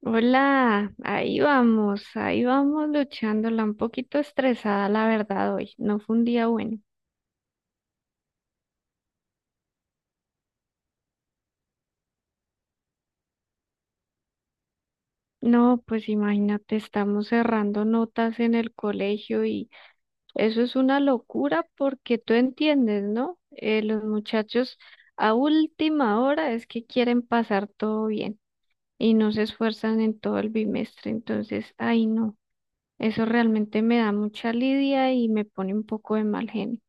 Hola, ahí vamos luchándola, un poquito estresada la verdad hoy, no fue un día bueno. No, pues imagínate, estamos cerrando notas en el colegio y eso es una locura porque tú entiendes, ¿no? Los muchachos a última hora es que quieren pasar todo bien y no se esfuerzan en todo el bimestre, entonces, ay no, eso realmente me da mucha lidia y me pone un poco de mal genio.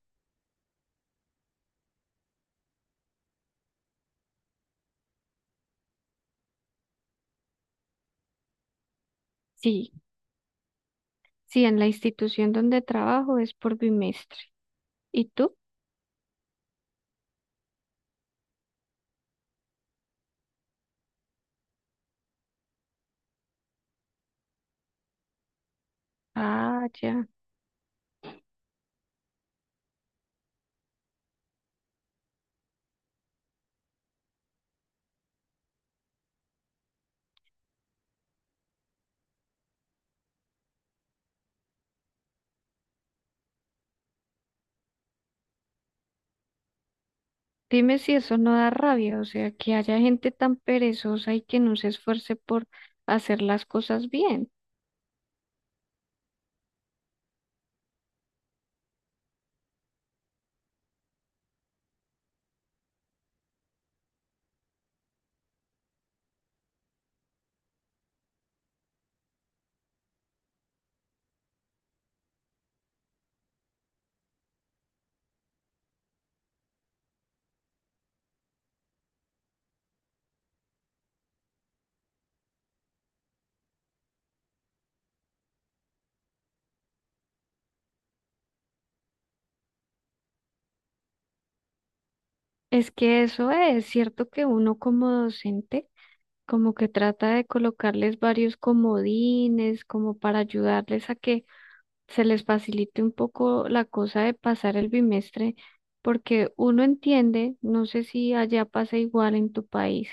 Sí. Sí, en la institución donde trabajo es por bimestre. ¿Y tú? Ah, ya. Dime si eso no da rabia, o sea, que haya gente tan perezosa y que no se esfuerce por hacer las cosas bien. Es que eso es cierto que uno como docente como que trata de colocarles varios comodines como para ayudarles a que se les facilite un poco la cosa de pasar el bimestre, porque uno entiende, no sé si allá pasa igual en tu país,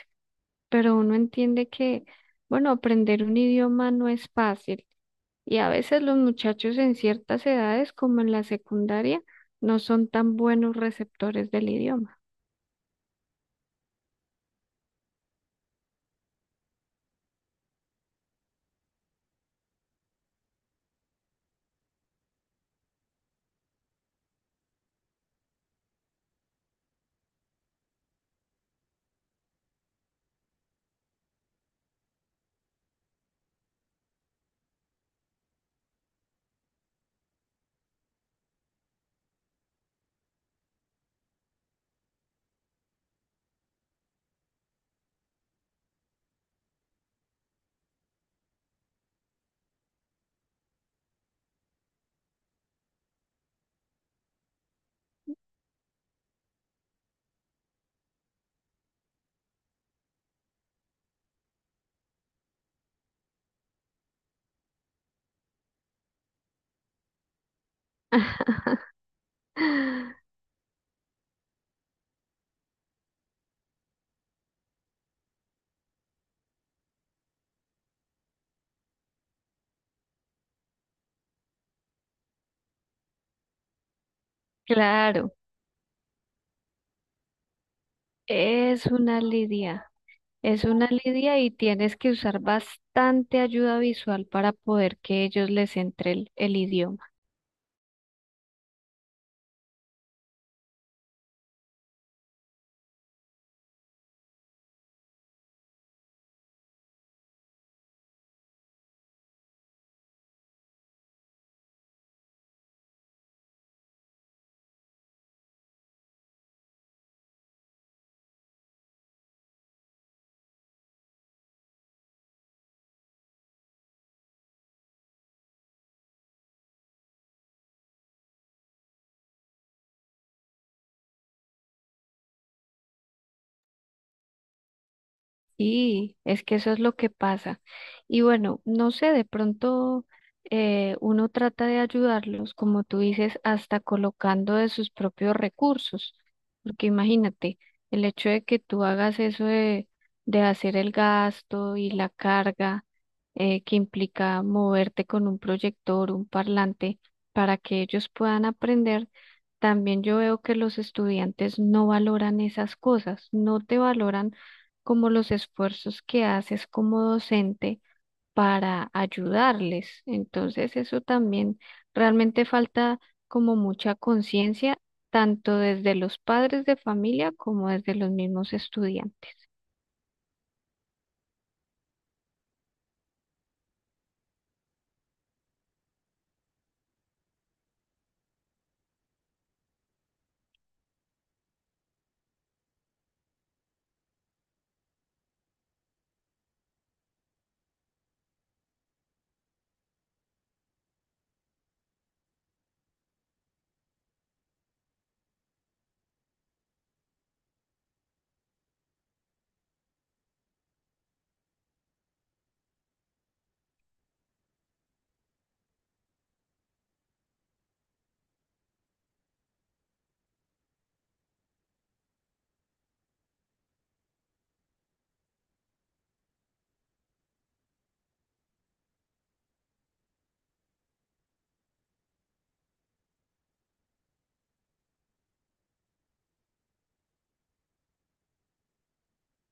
pero uno entiende que, bueno, aprender un idioma no es fácil y a veces los muchachos en ciertas edades, como en la secundaria, no son tan buenos receptores del idioma. Claro, es una lidia, es una lidia y tienes que usar bastante ayuda visual para poder que ellos les entre el idioma. Sí, es que eso es lo que pasa. Y bueno, no sé, de pronto uno trata de ayudarlos, como tú dices, hasta colocando de sus propios recursos. Porque imagínate, el hecho de que tú hagas eso de, hacer el gasto y la carga que implica moverte con un proyector, un parlante, para que ellos puedan aprender. También yo veo que los estudiantes no valoran esas cosas, no te valoran como los esfuerzos que haces como docente para ayudarles. Entonces, eso también realmente falta como mucha conciencia, tanto desde los padres de familia como desde los mismos estudiantes.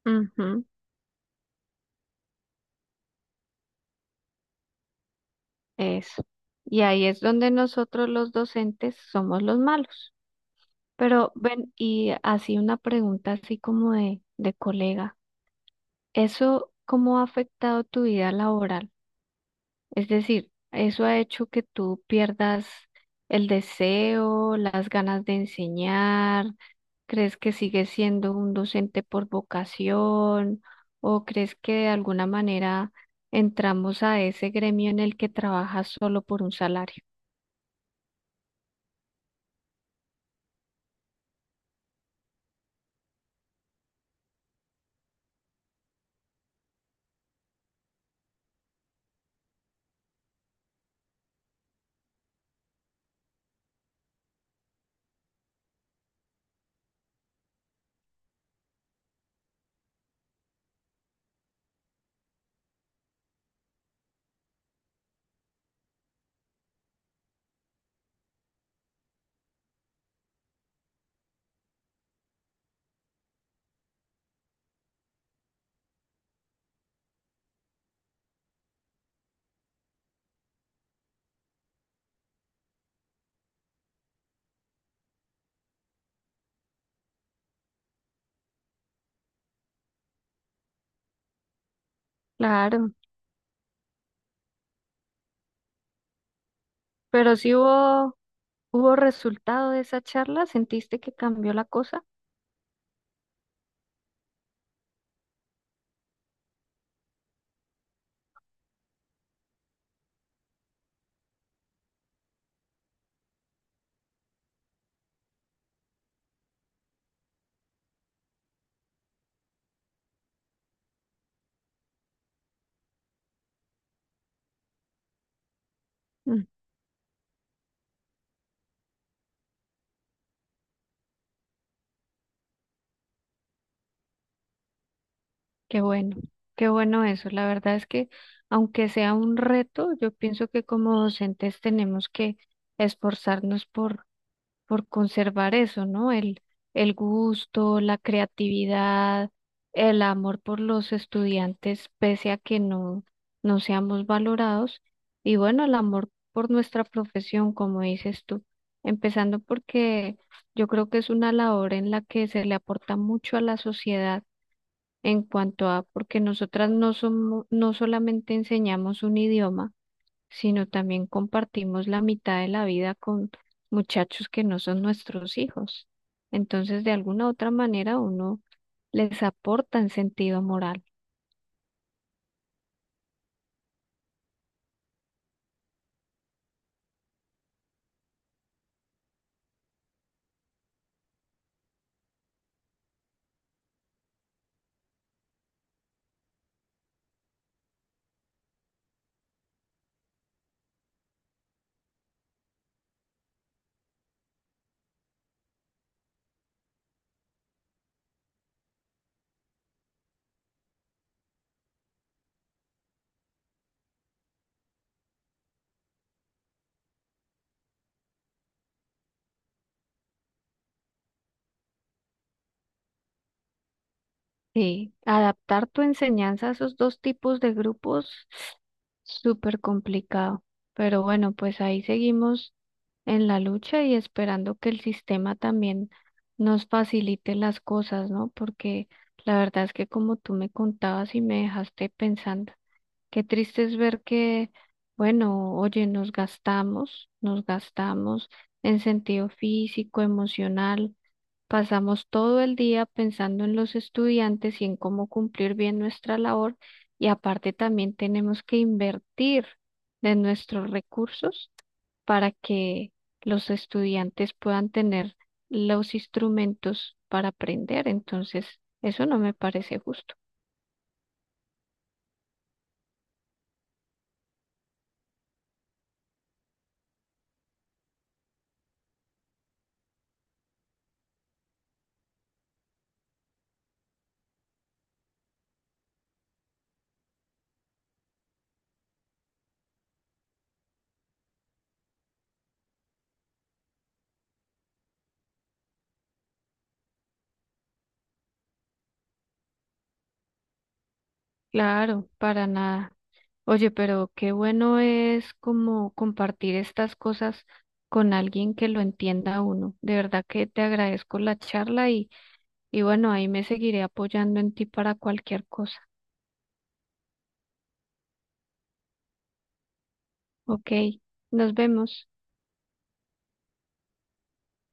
Ujú, eso. Y ahí es donde nosotros los docentes somos los malos. Pero ven, y así una pregunta así como de colega, ¿eso cómo ha afectado tu vida laboral? Es decir, ¿eso ha hecho que tú pierdas el deseo, las ganas de enseñar, crees que sigues siendo un docente por vocación o crees que de alguna manera entramos a ese gremio en el que trabajas solo por un salario? Claro, pero si hubo, ¿hubo resultado de esa charla? ¿Sentiste que cambió la cosa? Qué bueno, qué bueno eso. La verdad es que aunque sea un reto, yo pienso que como docentes tenemos que esforzarnos por, conservar eso, ¿no? El gusto, la creatividad, el amor por los estudiantes, pese a que no seamos valorados. Y bueno, el amor por nuestra profesión, como dices tú, empezando porque yo creo que es una labor en la que se le aporta mucho a la sociedad en cuanto a, porque nosotras no somos, no solamente enseñamos un idioma, sino también compartimos la mitad de la vida con muchachos que no son nuestros hijos. Entonces, de alguna otra manera, uno les aporta en sentido moral. Sí, adaptar tu enseñanza a esos dos tipos de grupos, súper complicado. Pero bueno, pues ahí seguimos en la lucha y esperando que el sistema también nos facilite las cosas, ¿no? Porque la verdad es que como tú me contabas y me dejaste pensando, qué triste es ver que, bueno, oye, nos gastamos en sentido físico, emocional. Pasamos todo el día pensando en los estudiantes y en cómo cumplir bien nuestra labor y aparte también tenemos que invertir de nuestros recursos para que los estudiantes puedan tener los instrumentos para aprender. Entonces, eso no me parece justo. Claro, para nada. Oye, pero qué bueno es como compartir estas cosas con alguien que lo entienda a uno. De verdad que te agradezco la charla. Y bueno, ahí me seguiré apoyando en ti para cualquier cosa. Ok, nos vemos.